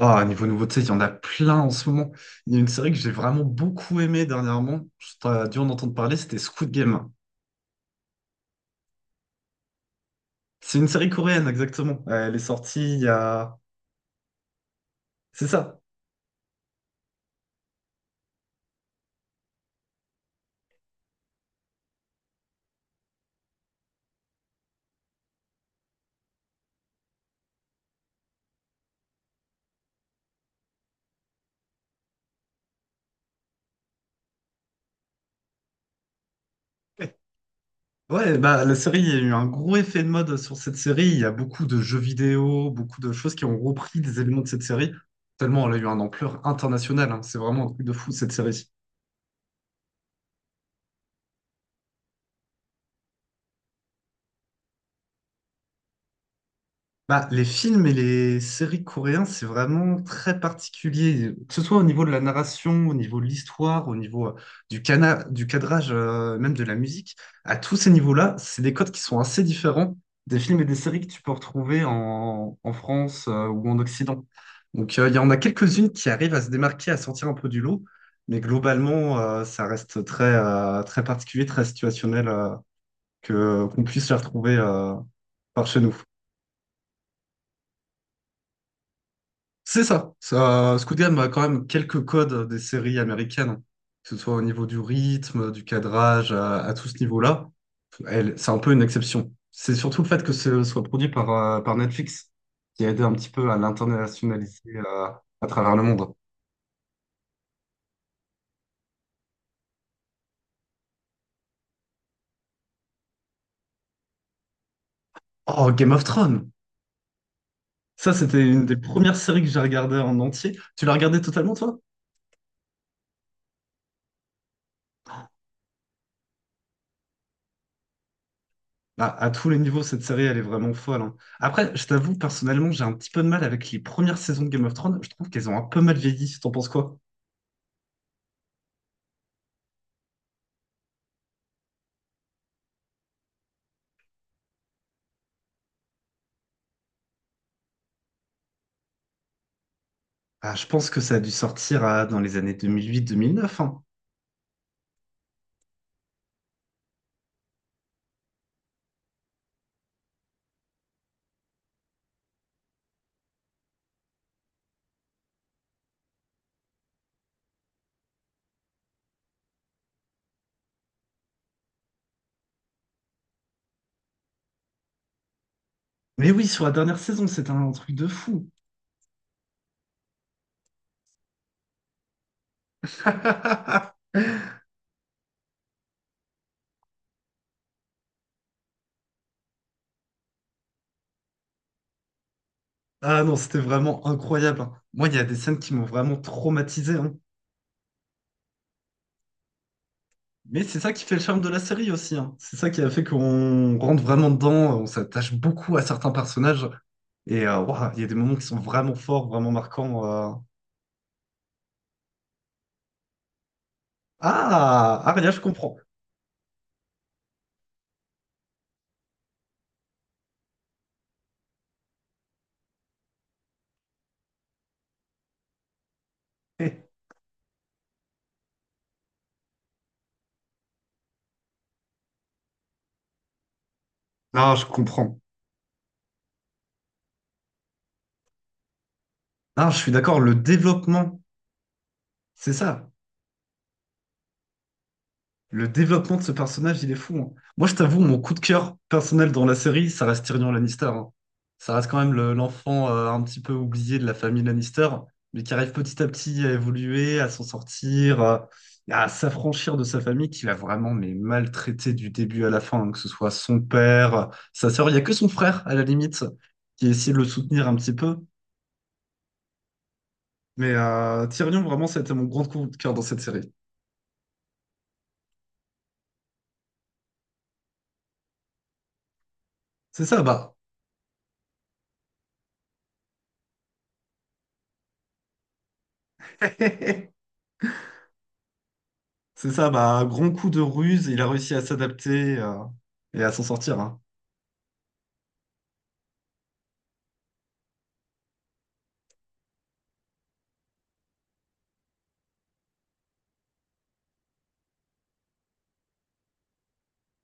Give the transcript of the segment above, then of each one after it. Ah, niveau nouveauté, il y en a plein en ce moment. Il y a une série que j'ai vraiment beaucoup aimée dernièrement. Tu as dû en entendre parler, c'était Squid Game. C'est une série coréenne, exactement. Elle est sortie il y a. C'est ça. Eh, ouais, bah, la série, il y a eu un gros effet de mode sur cette série. Il y a beaucoup de jeux vidéo, beaucoup de choses qui ont repris des éléments de cette série. Tellement elle a eu un ampleur internationale, hein. C'est vraiment un truc de fou, cette série. Bah, les films et les séries coréens, c'est vraiment très particulier, que ce soit au niveau de la narration, au niveau de l'histoire, au niveau du cadrage, même de la musique. À tous ces niveaux-là, c'est des codes qui sont assez différents des films et des séries que tu peux retrouver en France, ou en Occident. Donc, il y en a quelques-unes qui arrivent à se démarquer, à sortir un peu du lot, mais globalement, ça reste très, très particulier, très situationnel, qu'on puisse les retrouver, par chez nous. C'est ça. Ça, Squid Game a quand même quelques codes des séries américaines, que ce soit au niveau du rythme, du cadrage, à tout ce niveau-là. Elle, c'est un peu une exception. C'est surtout le fait que ce soit produit par Netflix qui a aidé un petit peu à l'internationaliser à travers le monde. Oh, Game of Thrones! Ça, c'était une des premières séries que j'ai regardées en entier. Tu l'as regardée totalement, toi? Bah, à tous les niveaux, cette série, elle est vraiment folle, hein. Après, je t'avoue, personnellement, j'ai un petit peu de mal avec les premières saisons de Game of Thrones. Je trouve qu'elles ont un peu mal vieilli. T'en penses quoi? Ah, je pense que ça a dû sortir dans les années deux mille huit, mille neuf, hein. Mais oui, sur la dernière saison, c'était un truc de fou. Ah non, c'était vraiment incroyable, hein. Moi, il y a des scènes qui m'ont vraiment traumatisé, hein. Mais c'est ça qui fait le charme de la série aussi, hein. C'est ça qui a fait qu'on rentre vraiment dedans, on s'attache beaucoup à certains personnages. Et ouah, il y a des moments qui sont vraiment forts, vraiment marquants. Ah, Aria, je comprends. Non, je comprends. Non, je suis d'accord, le développement, c'est ça. Le développement de ce personnage, il est fou, hein. Moi, je t'avoue, mon coup de cœur personnel dans la série, ça reste Tyrion Lannister, hein. Ça reste quand même l'enfant un petit peu oublié de la famille Lannister, mais qui arrive petit à petit à évoluer, à s'en sortir, à s'affranchir de sa famille, qui l'a vraiment mais maltraité du début à la fin, hein, que ce soit son père, sa sœur. Il n'y a que son frère, à la limite, qui essaie de le soutenir un petit peu. Mais Tyrion, vraiment, ça a été mon grand coup de cœur dans cette série. C'est ça, bah. C'est ça, bah, un grand coup de ruse, il a réussi à s'adapter et à s'en sortir, hein.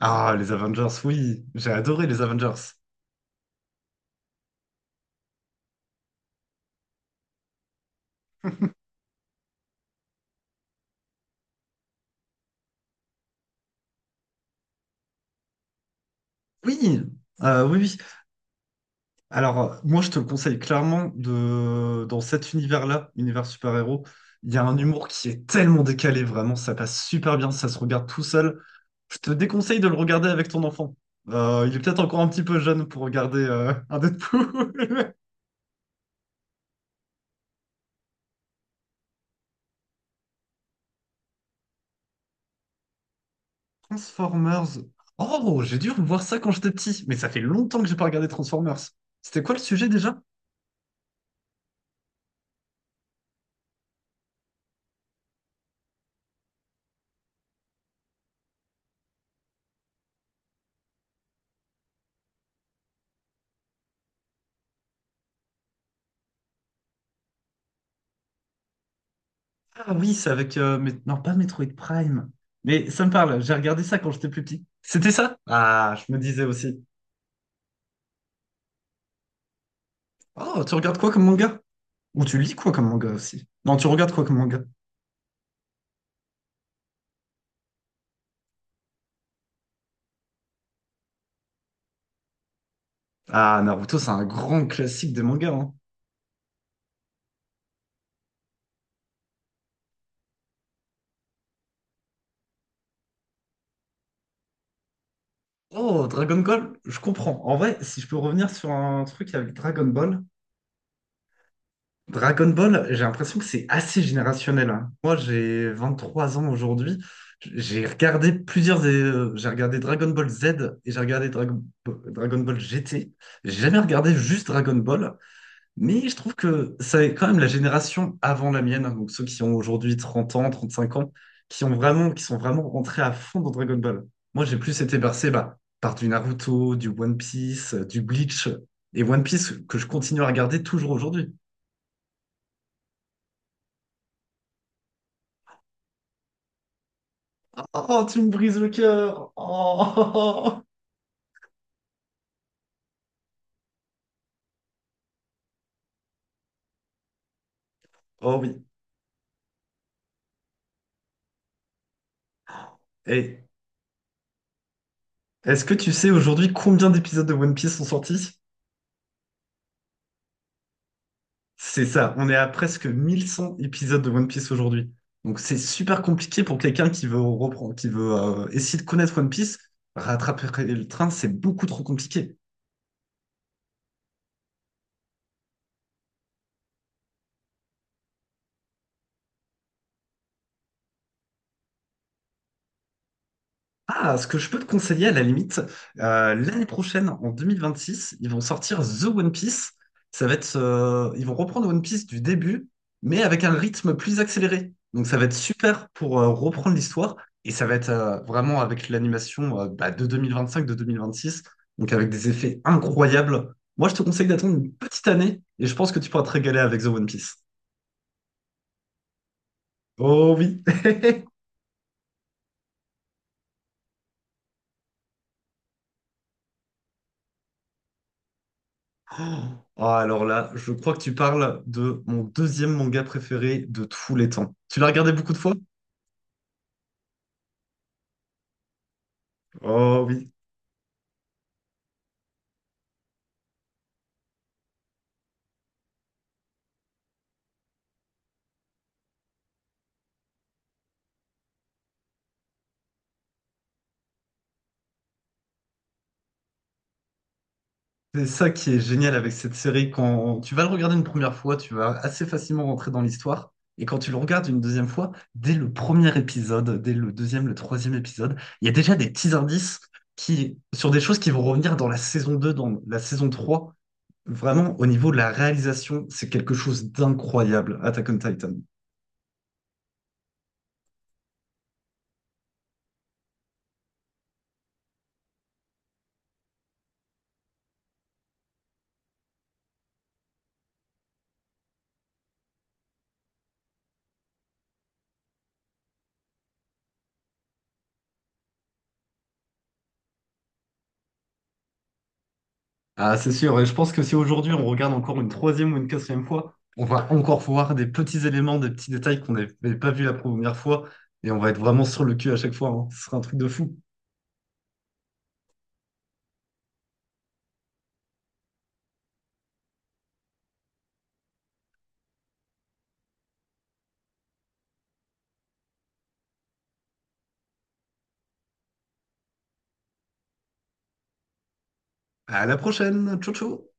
Ah, les Avengers, oui, j'ai adoré les Avengers. Oui, oui, oui. Alors, moi, je te le conseille dans cet univers-là, univers super-héros, il y a un humour qui est tellement décalé, vraiment, ça passe super bien, ça se regarde tout seul. Je te déconseille de le regarder avec ton enfant. Il est peut-être encore un petit peu jeune pour regarder un Deadpool. Transformers. Oh, j'ai dû revoir ça quand j'étais petit, mais ça fait longtemps que j'ai pas regardé Transformers. C'était quoi le sujet déjà? Ah oui, Non, pas Metroid Prime. Mais ça me parle, j'ai regardé ça quand j'étais plus petit. C'était ça? Ah, je me disais aussi. Oh, tu regardes quoi comme manga? Ou tu lis quoi comme manga aussi? Non, tu regardes quoi comme manga? Ah, Naruto, c'est un grand classique des mangas, hein. Oh, Dragon Ball, je comprends. En vrai, si je peux revenir sur un truc avec Dragon Ball. Dragon Ball, j'ai l'impression que c'est assez générationnel, hein. Moi, j'ai 23 ans aujourd'hui. J'ai regardé plusieurs. J'ai regardé Dragon Ball Z et j'ai regardé Dragon Ball GT. J'ai jamais regardé juste Dragon Ball, mais je trouve que c'est quand même la génération avant la mienne, hein, donc ceux qui ont aujourd'hui 30 ans, 35 ans, qui sont vraiment rentrés à fond dans Dragon Ball. Moi, j'ai plus été bercé bah, par du Naruto, du One Piece, du Bleach et One Piece que je continue à regarder toujours aujourd'hui. Oh, tu me brises le cœur. Oh, oh oui. Hey, est-ce que tu sais aujourd'hui combien d'épisodes de One Piece sont sortis? C'est ça, on est à presque 1100 épisodes de One Piece aujourd'hui. Donc c'est super compliqué pour quelqu'un qui veut reprendre, qui veut essayer de connaître One Piece. Rattraper le train, c'est beaucoup trop compliqué. Ah, ce que je peux te conseiller à la limite, l'année prochaine, en 2026, ils vont sortir The One Piece. Ils vont reprendre One Piece du début, mais avec un rythme plus accéléré. Donc ça va être super pour reprendre l'histoire et ça va être vraiment avec l'animation bah, de 2025, de 2026, donc avec des effets incroyables. Moi, je te conseille d'attendre une petite année et je pense que tu pourras te régaler avec The One Piece. Oh oui! Ah, alors là, je crois que tu parles de mon deuxième manga préféré de tous les temps. Tu l'as regardé beaucoup de fois? Oh oui. C'est ça qui est génial avec cette série. Quand tu vas le regarder une première fois, tu vas assez facilement rentrer dans l'histoire. Et quand tu le regardes une deuxième fois, dès le premier épisode, dès le deuxième, le troisième épisode, il y a déjà des petits indices sur des choses qui vont revenir dans la saison 2, dans la saison 3. Vraiment, au niveau de la réalisation, c'est quelque chose d'incroyable, Attack on Titan. Ah, c'est sûr. Et je pense que si aujourd'hui on regarde encore une troisième ou une quatrième fois, on va encore voir des petits éléments, des petits détails qu'on n'avait pas vus la première fois. Et on va être vraiment sur le cul à chaque fois, hein. Ce sera un truc de fou. À la prochaine. Ciao, ciao.